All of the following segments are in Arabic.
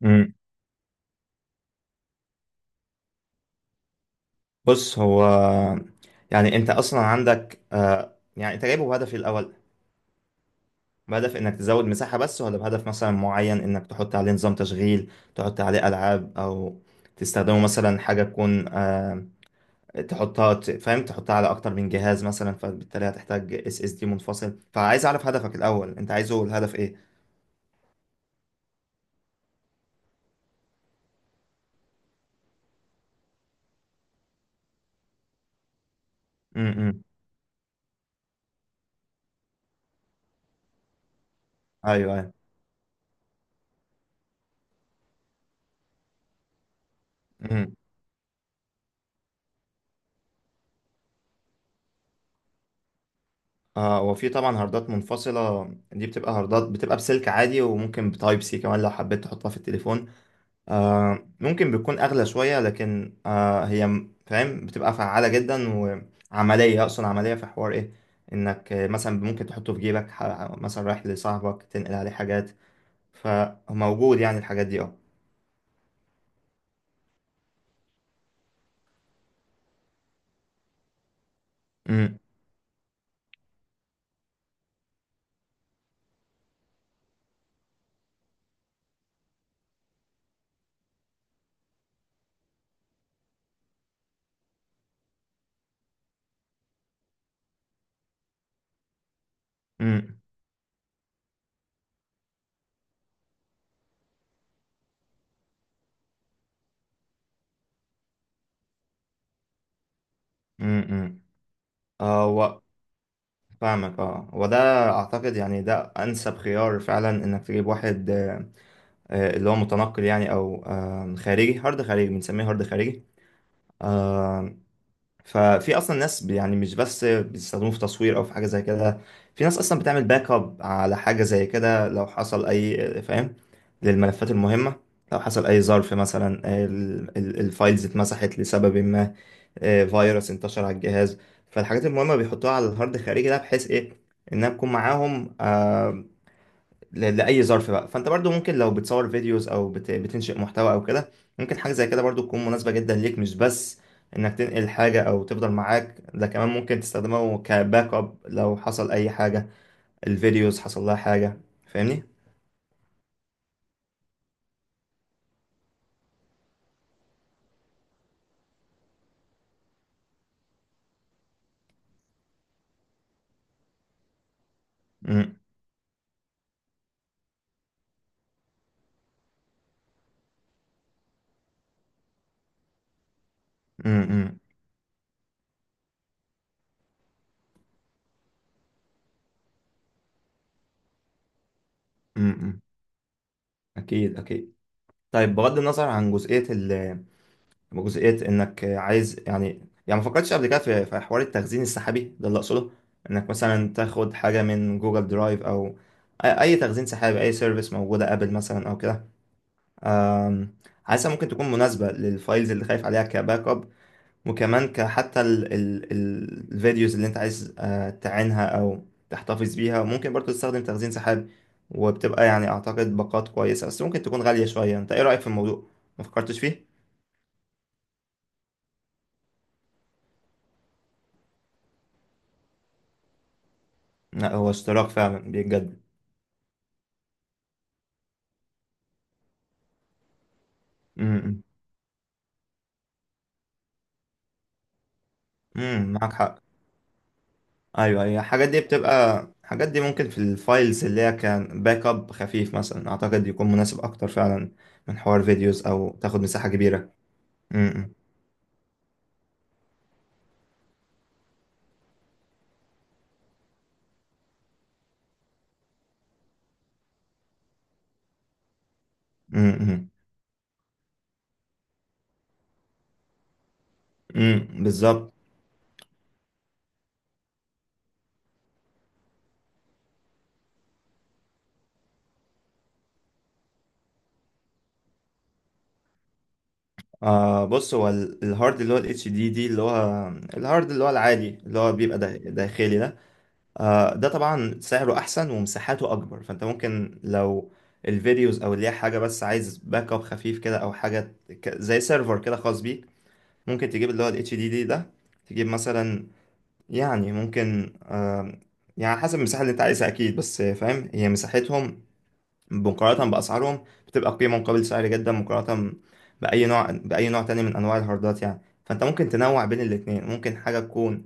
مم. بص هو انت اصلا عندك يعني انت جايبه بهدف إيه الاول؟ بهدف انك تزود مساحة بس، ولا بهدف مثلا معين انك تحط عليه نظام تشغيل، تحط عليه العاب، او تستخدمه مثلا حاجة تكون تحطها فاهم، تحطها على اكتر من جهاز مثلا، فبالتالي هتحتاج اس اس دي منفصل. فعايز اعرف هدفك الاول، انت عايزه الهدف ايه؟ امم. ايوه ايوه. امم. آه، وفي طبعا هاردات منفصلة. دي بتبقى هاردات، بتبقى بسلك عادي، وممكن بتايب سي كمان لو حبيت تحطها في التليفون. آه، ممكن بتكون أغلى شوية، لكن آه، هي م- فاهم بتبقى فعالة جدا وعملية. أقصد عملية في حوار إيه، إنك آه، مثلا ممكن تحطه في جيبك، مثلا رايح لصاحبك تنقل عليه حاجات، فموجود يعني الحاجات دي أه. أمم، أمم، أمم، أمم. آه و... فاهمك. اه، وده أعتقد يعني ده أنسب خيار فعلا، إنك تجيب واحد آه، آه، اللي هو متنقل يعني، أو آه، خارجي. هارد خارجي بنسميه، هارد خارجي. آه، ففي اصلا ناس يعني مش بس بيستخدموه في تصوير او في حاجه زي كده، في ناس اصلا بتعمل باك اب على حاجه زي كده لو حصل اي، فاهم، للملفات المهمه. لو حصل اي ظرف مثلا الفايلز اتمسحت لسبب ما، آه، فيروس انتشر على الجهاز، فالحاجات المهمه بيحطوها على الهارد الخارجي ده، بحيث ايه، انها تكون معاهم آه، لأي ظرف بقى. فأنت برضو ممكن لو بتصور فيديوز، أو بتنشئ محتوى أو كده، ممكن حاجة زي كده برضو تكون مناسبة جدا ليك، مش بس إنك تنقل حاجة أو تفضل معاك، ده كمان ممكن تستخدمه كباك أب لو حصل أي حاجة، الفيديوز حصل لها حاجة. فاهمني؟ أمم، أمم، أمم، أمم، أكيد أكيد. طيب، بغض النظر عن جزئية انك عايز يعني، ما فكرتش قبل كده في حوار التخزين السحابي ده؟ اللي اقصده انك مثلا تاخد حاجة من جوجل درايف، او أي تخزين سحابي، أي سيرفيس موجودة، أبل مثلا أو كده. أم، حاسسها ممكن تكون مناسبة للفايلز اللي خايف عليها كباك أب، وكمان كحتى ال الفيديوز اللي أنت عايز آه، تعينها أو تحتفظ بيها ممكن برضو تستخدم تخزين سحابي. وبتبقى يعني أعتقد باقات كويسة، بس ممكن تكون غالية شوية. أنت إيه رأيك في الموضوع؟ ما فكرتش فيه؟ لا، هو اشتراك فعلا بجد. امم. امم، معاك حق. ايوه، هي الحاجات دي بتبقى، الحاجات دي ممكن في الفايلز اللي هي كان باك اب خفيف مثلا، اعتقد يكون مناسب اكتر فعلا من حوار فيديوز او تاخد مساحة كبيرة. امم. امم. امم، بالظبط. آه، بص هو الهارد اللي هو الاتش دي دي، اللي هو الهارد اللي هو العادي، اللي هو بيبقى داخلي ده، آه ده طبعا سعره احسن ومساحته اكبر. فانت ممكن لو الفيديوز، او اللي هي حاجه بس عايز باك اب خفيف كده او حاجه، زي سيرفر كده خاص بيك، ممكن تجيب اللي هو ال HDD ده. تجيب مثلا، يعني ممكن آم، يعني حسب المساحة اللي انت عايزها اكيد، بس فاهم، هي مساحتهم مقارنة بأسعارهم بتبقى قيمة مقابل سعر جدا، مقارنة بأي نوع، بأي نوع تاني من أنواع الهاردات يعني. فانت ممكن تنوع بين الاتنين، ممكن حاجة تكون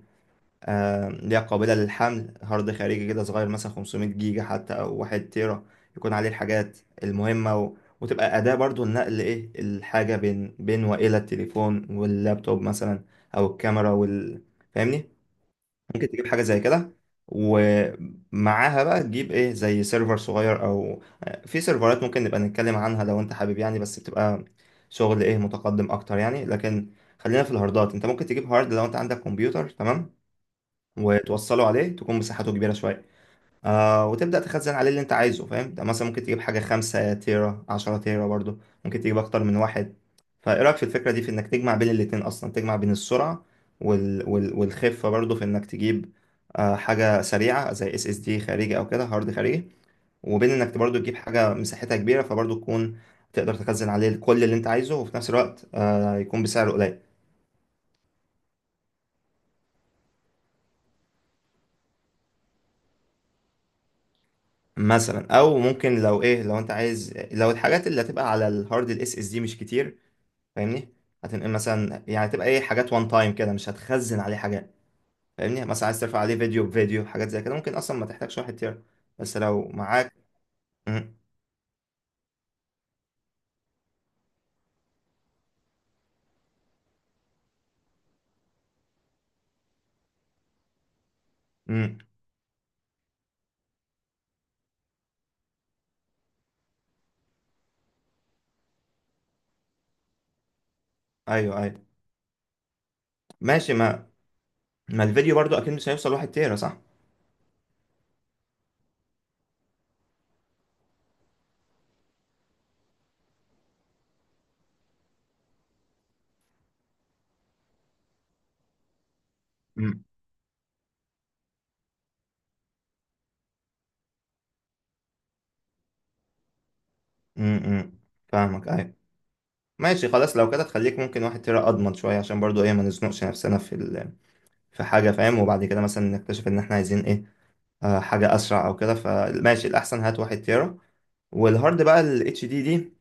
آه، اللي هي قابلة للحمل، هارد خارجي كده صغير مثلا 500 جيجا حتى أو واحد تيرا، يكون عليه الحاجات المهمة، و... وتبقى أداة برضو لنقل إيه، الحاجة بين وإلى التليفون واللابتوب مثلا، أو الكاميرا وال... فاهمني؟ ممكن تجيب حاجة زي كده، ومعاها بقى تجيب إيه، زي سيرفر صغير، أو آه، في سيرفرات ممكن نبقى نتكلم عنها لو أنت حابب يعني، بس بتبقى شغل إيه، متقدم أكتر يعني. لكن خلينا في الهاردات. أنت ممكن تجيب هارد لو أنت عندك كمبيوتر تمام، وتوصله عليه، تكون مساحته كبيرة شوية، آه، وتبدأ تخزن عليه اللي انت عايزه، فاهم. ده مثلا ممكن تجيب حاجة خمسة تيرا، عشرة تيرا برضو، ممكن تجيب أكتر من واحد. فإيه رأيك في الفكرة دي، في إنك تجمع بين الاتنين أصلا، تجمع بين السرعة والخفة برضو، في إنك تجيب آه حاجة سريعة زي اس اس دي خارجي أو كده، هارد خارجي، وبين إنك برضو تجيب حاجة مساحتها كبيرة، فبرضو تكون تقدر تخزن عليه كل اللي انت عايزه، وفي نفس الوقت آه يكون بسعر قليل. مثلا، او ممكن لو ايه، لو انت عايز، لو الحاجات اللي هتبقى على الهارد الاس اس دي مش كتير، فاهمني، هتنقل مثلا، يعني تبقى ايه، حاجات وان تايم كده، مش هتخزن عليه حاجات، فاهمني. مثلا عايز ترفع عليه فيديو بفيديو حاجات زي كده، ممكن اصلا ما تحتاجش واحد تيرا، بس لو معاك. امم. امم. ايوه ايوه. ماشي. ما الفيديو برضو اكيد مش هيوصل واحد تيرا، صح؟ امم. امم، فاهمك، ايوه. ماشي خلاص، لو كده تخليك ممكن واحد تيرا اضمن شويه، عشان برضو ايه، ما نزنقش نفسنا في في حاجه، فاهم، وبعد كده مثلا نكتشف ان احنا عايزين ايه، آه، حاجة أسرع أو كده. فماشي، الأحسن هات واحد تيرا. والهارد بقى ال اتش دي دي،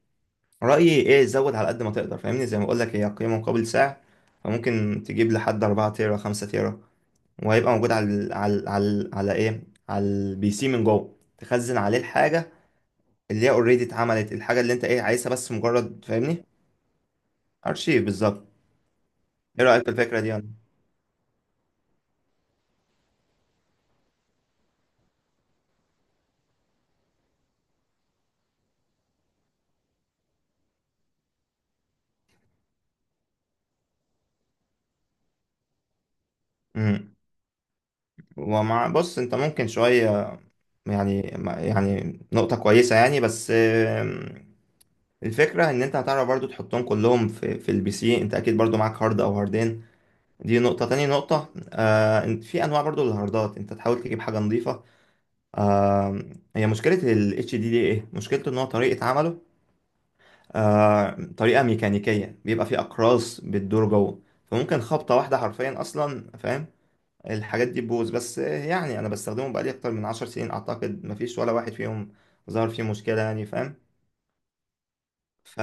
رأيي إيه، زود على قد ما تقدر، فاهمني، زي ما بقولك هي قيمة مقابل سعر. فممكن تجيب لحد 4 تيرا، 5 تيرا، وهيبقى موجود على ال على ال على, ال على إيه، على البي سي من جوه، تخزن عليه الحاجة اللي هي أوريدي اتعملت، الحاجة اللي أنت إيه عايزها، بس مجرد، فاهمني. أرشيف بالظبط. إيه رأيك في الفكرة دي يعني؟ مم. ومع، بص أنت ممكن شوية يعني، يعني نقطة كويسة يعني، بس الفكرة ان انت هتعرف برضو تحطهم كلهم في البي سي، انت اكيد برضو معاك هارد او هاردين، دي نقطة. تاني نقطة آه، إن في انواع برضو للهاردات، انت تحاول تجيب حاجة نظيفة آه. هي مشكلة ال HDD ايه مشكلته، ان هو طريقة عمله آه، طريقة ميكانيكية، بيبقى فيه اقراص بتدور جوه، فممكن خبطة واحدة حرفيا اصلا، فاهم، الحاجات دي تبوظ. بس آه، يعني انا بستخدمه بقالي اكتر من عشر سنين، اعتقد مفيش ولا واحد فيهم ظهر فيه مشكلة يعني، فاهم. ف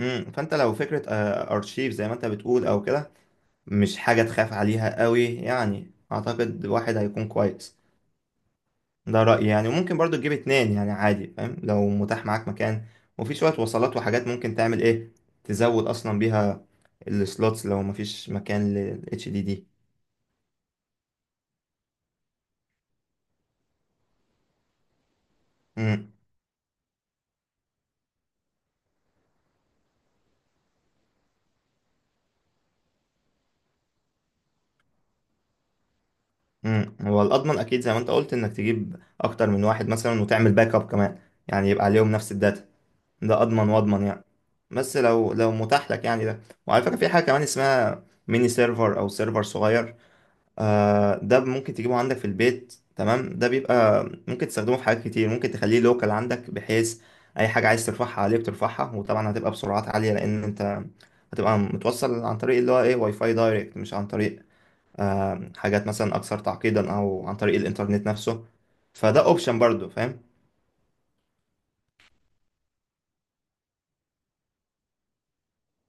امم، فانت لو فكره آه، ارشيف زي ما انت بتقول او كده، مش حاجه تخاف عليها قوي يعني، اعتقد واحد هيكون كويس، ده رايي يعني. وممكن برضو تجيب اتنين يعني عادي، فاهم، لو متاح معاك مكان، وفي شويه وصلات وحاجات، ممكن تعمل ايه، تزود اصلا بيها السلوتس لو مفيش مكان للاتش دي دي. امم. امم، هو الاضمن اكيد زي ما انت قلت، انك تجيب اكتر من واحد مثلا وتعمل باك اب كمان، يعني يبقى عليهم نفس الداتا، ده اضمن واضمن يعني. بس لو متاح لك يعني ده. وعلى فكرة في حاجة كمان اسمها ميني سيرفر أو سيرفر صغير، آه، ده ممكن تجيبه عندك في البيت، تمام، ده بيبقى ممكن تستخدمه في حاجات كتير، ممكن تخليه لوكال عندك، بحيث أي حاجة عايز ترفعها عليه بترفعها، وطبعا هتبقى بسرعات عالية، لأن أنت هتبقى متوصل عن طريق اللي هو إيه، واي فاي دايركت، مش عن طريق آه حاجات مثلا أكثر تعقيدا، أو عن طريق الإنترنت نفسه. فده أوبشن برضو، فاهم.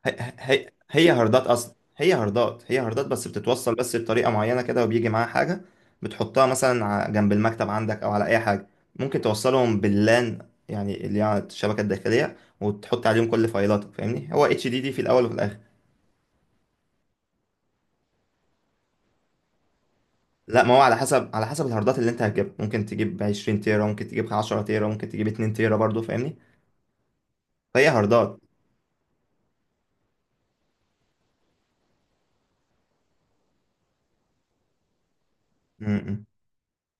هي هاردات اصلا، هي هاردات، بس بتتوصل بس بطريقه معينه كده، وبيجي معاها حاجه بتحطها مثلا جنب المكتب عندك او على اي حاجه، ممكن توصلهم باللان، يعني اللي هي على الشبكه الداخليه، وتحط عليهم كل فايلاتك، فاهمني. هو اتش دي دي في الاول وفي الاخر. لا، ما هو على حسب، على حسب الهاردات اللي انت هتجيبها، ممكن تجيب 20 تيرا، ممكن تجيب 10 تيرا، ممكن تجيب 2 تيرا برضو، فاهمني. فهي هاردات. م- م.